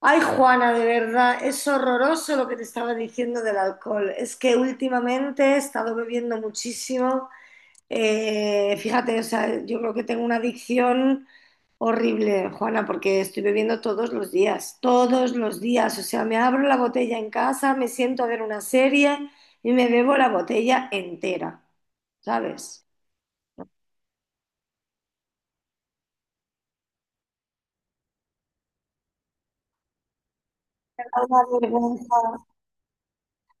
Ay, Juana, de verdad, es horroroso lo que te estaba diciendo del alcohol. Es que últimamente he estado bebiendo muchísimo. Fíjate, o sea, yo creo que tengo una adicción horrible, Juana, porque estoy bebiendo todos los días, todos los días. O sea, me abro la botella en casa, me siento a ver una serie y me bebo la botella entera, ¿sabes? Una vergüenza.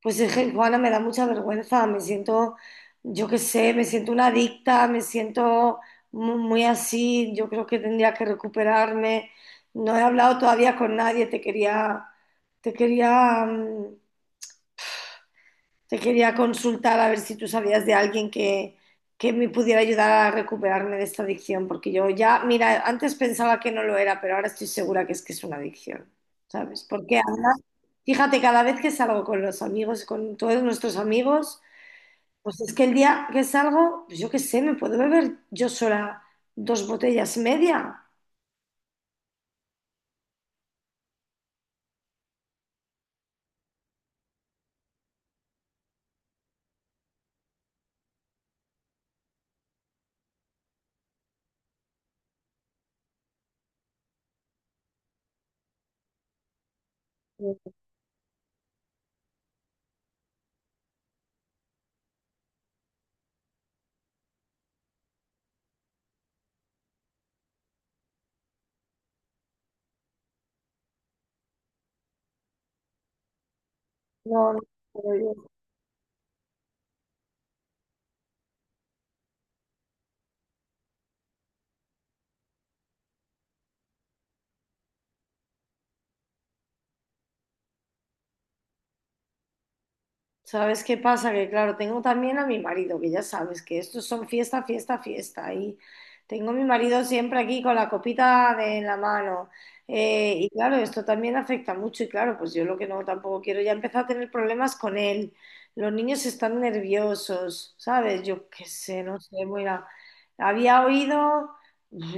Pues es que, Juana, me da mucha vergüenza, me siento, yo qué sé, me siento una adicta, me siento muy, así, yo creo que tendría que recuperarme. No he hablado todavía con nadie, te quería, te quería consultar a ver si tú sabías de alguien que me pudiera ayudar a recuperarme de esta adicción, porque yo ya, mira, antes pensaba que no lo era, pero ahora estoy segura que es una adicción. ¿Sabes? Porque ahora, fíjate, cada vez que salgo con los amigos, con todos nuestros amigos, pues es que el día que salgo, pues yo qué sé, me puedo beber yo sola dos botellas media. No, no, no. ¿Sabes qué pasa? Que claro, tengo también a mi marido, que ya sabes que estos son fiesta, fiesta, fiesta. Y tengo a mi marido siempre aquí con la copita de en la mano. Y claro, esto también afecta mucho. Y claro, pues yo lo que no tampoco quiero, ya empezar a tener problemas con él. Los niños están nerviosos, ¿sabes? Yo qué sé, no sé, mira, había oído,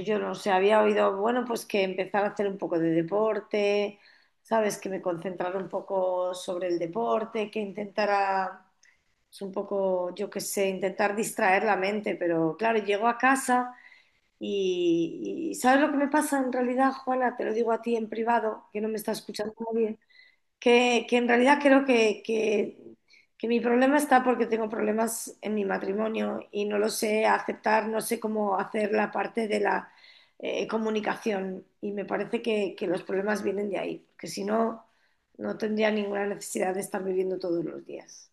yo no sé, había oído, bueno, pues que empezar a hacer un poco de deporte, ¿sabes? Que me concentrara un poco sobre el deporte, que intentara, es un poco, yo qué sé, intentar distraer la mente, pero claro, llego a casa y ¿sabes lo que me pasa en realidad, Juana? Te lo digo a ti en privado, que no me está escuchando nadie. Que en realidad creo que mi problema está porque tengo problemas en mi matrimonio y no lo sé aceptar, no sé cómo hacer la parte de la comunicación, y me parece que los problemas vienen de ahí, porque si no, no tendría ninguna necesidad de estar viviendo todos los días.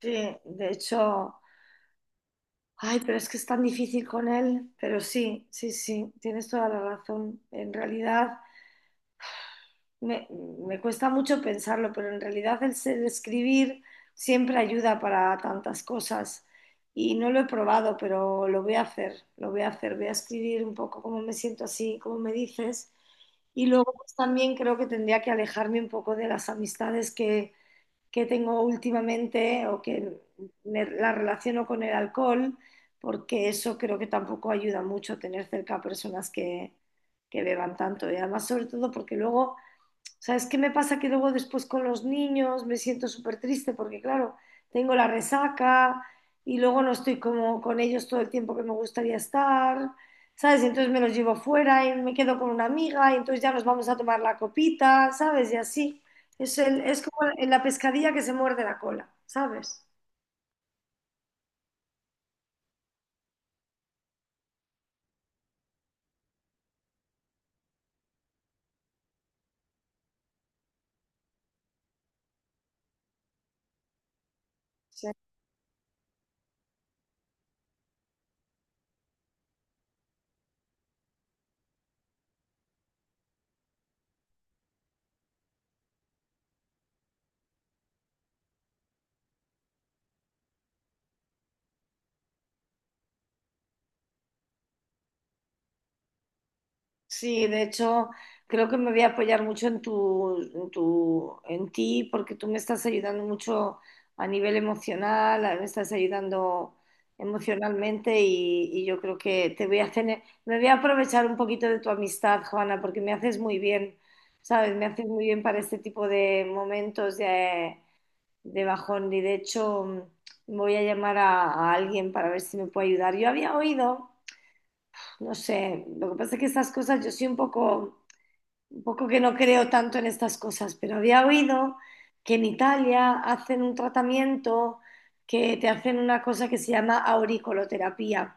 Sí, de hecho, ay, pero es que es tan difícil con él, pero sí, sí, sí, tienes toda la razón. En realidad, me cuesta mucho pensarlo, pero en realidad escribir siempre ayuda para tantas cosas. Y no lo he probado, pero lo voy a hacer, lo voy a hacer. Voy a escribir un poco cómo me siento así, cómo me dices. Y luego pues, también creo que tendría que alejarme un poco de las amistades que tengo últimamente, o que me, las relaciono con el alcohol, porque eso creo que tampoco ayuda mucho tener cerca a personas que beban tanto. Y además, sobre todo, porque luego... ¿Sabes qué me pasa? Que luego después con los niños me siento súper triste porque, claro, tengo la resaca y luego no estoy como con ellos todo el tiempo que me gustaría estar, ¿sabes? Y entonces me los llevo fuera y me quedo con una amiga y entonces ya nos vamos a tomar la copita, ¿sabes? Y así. Es como en la pescadilla que se muerde la cola, ¿sabes? Sí, sí, de hecho, creo que me voy a apoyar mucho en ti, porque tú me estás ayudando mucho a nivel emocional, me estás ayudando emocionalmente, y yo creo que te voy a tener, me voy a aprovechar un poquito de tu amistad, Juana, porque me haces muy bien, ¿sabes? Me haces muy bien para este tipo de momentos de bajón. Y de hecho, voy a llamar a alguien para ver si me puede ayudar. Yo había oído, no sé, lo que pasa es que estas cosas yo soy un poco que no creo tanto en estas cosas, pero había oído que en Italia hacen un tratamiento que te hacen una cosa que se llama auricoloterapia.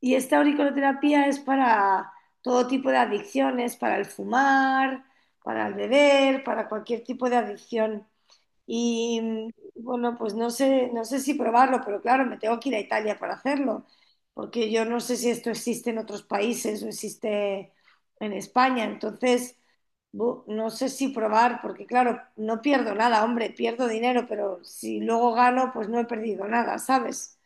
Y esta auricoloterapia es para todo tipo de adicciones, para el fumar, para el beber, para cualquier tipo de adicción. Y bueno, pues no sé, no sé si probarlo, pero claro, me tengo que ir a Italia para hacerlo, porque yo no sé si esto existe en otros países o existe en España. Entonces, no sé si probar, porque claro, no pierdo nada, hombre, pierdo dinero, pero si luego gano, pues no he perdido nada, ¿sabes?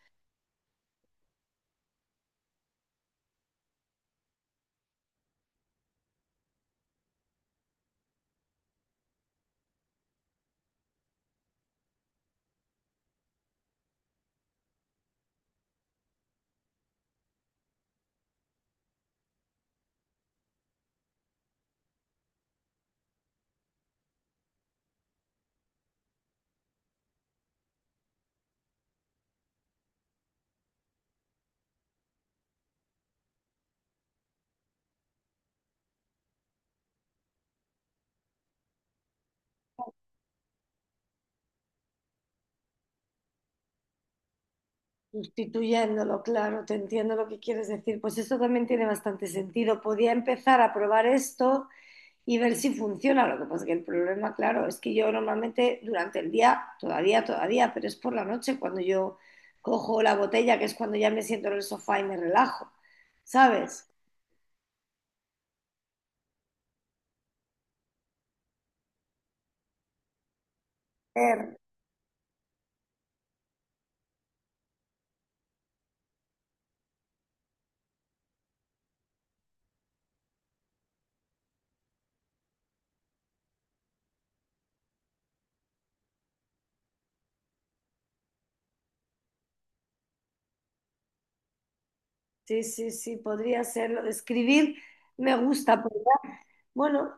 Sustituyéndolo, claro, te entiendo lo que quieres decir. Pues eso también tiene bastante sentido. Podía empezar a probar esto y ver si funciona. Lo que pasa es que el problema, claro, es que yo normalmente durante el día, todavía, todavía, pero es por la noche cuando yo cojo la botella, que es cuando ya me siento en el sofá y me relajo, ¿sabes? Sí, sí, sí, podría serlo. Escribir me gusta. Bueno,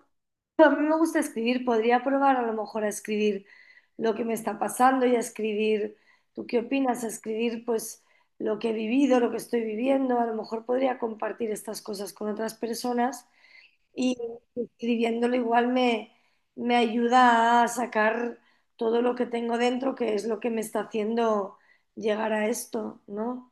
a mí me gusta escribir. Podría probar a lo mejor a escribir lo que me está pasando y a escribir, ¿tú qué opinas? A escribir pues lo que he vivido, lo que estoy viviendo. A lo mejor podría compartir estas cosas con otras personas y escribiéndolo igual me ayuda a sacar todo lo que tengo dentro, que es lo que me está haciendo llegar a esto, ¿no?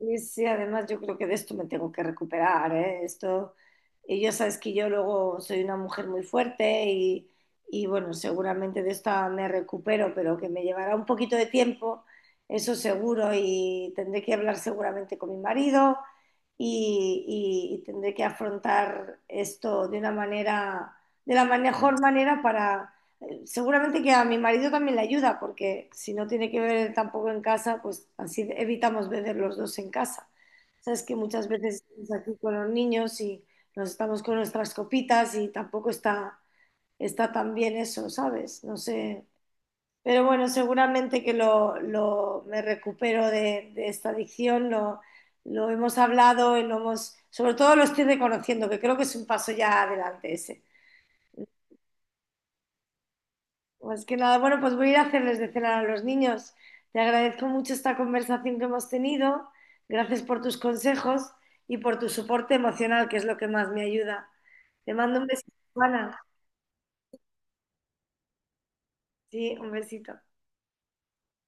Y sí, además yo creo que de esto me tengo que recuperar, ¿eh? Esto, y ya sabes que yo luego soy una mujer muy fuerte y bueno, seguramente de esta me recupero, pero que me llevará un poquito de tiempo, eso seguro, y tendré que hablar seguramente con mi marido y, y tendré que afrontar esto de una manera, de la mejor manera. Para seguramente que a mi marido también le ayuda, porque si no tiene que beber tampoco en casa, pues así evitamos beber los dos en casa. Sabes que muchas veces estamos aquí con los niños y nos estamos con nuestras copitas y tampoco está, está tan bien eso, ¿sabes? No sé. Pero bueno, seguramente que me recupero de esta adicción, lo hemos hablado y lo hemos, sobre todo lo estoy reconociendo, que creo que es un paso ya adelante ese. Más que nada, bueno, pues voy a ir a hacerles de cenar a los niños. Te agradezco mucho esta conversación que hemos tenido. Gracias por tus consejos y por tu soporte emocional, que es lo que más me ayuda. Te mando un besito, Juana. Sí, un besito.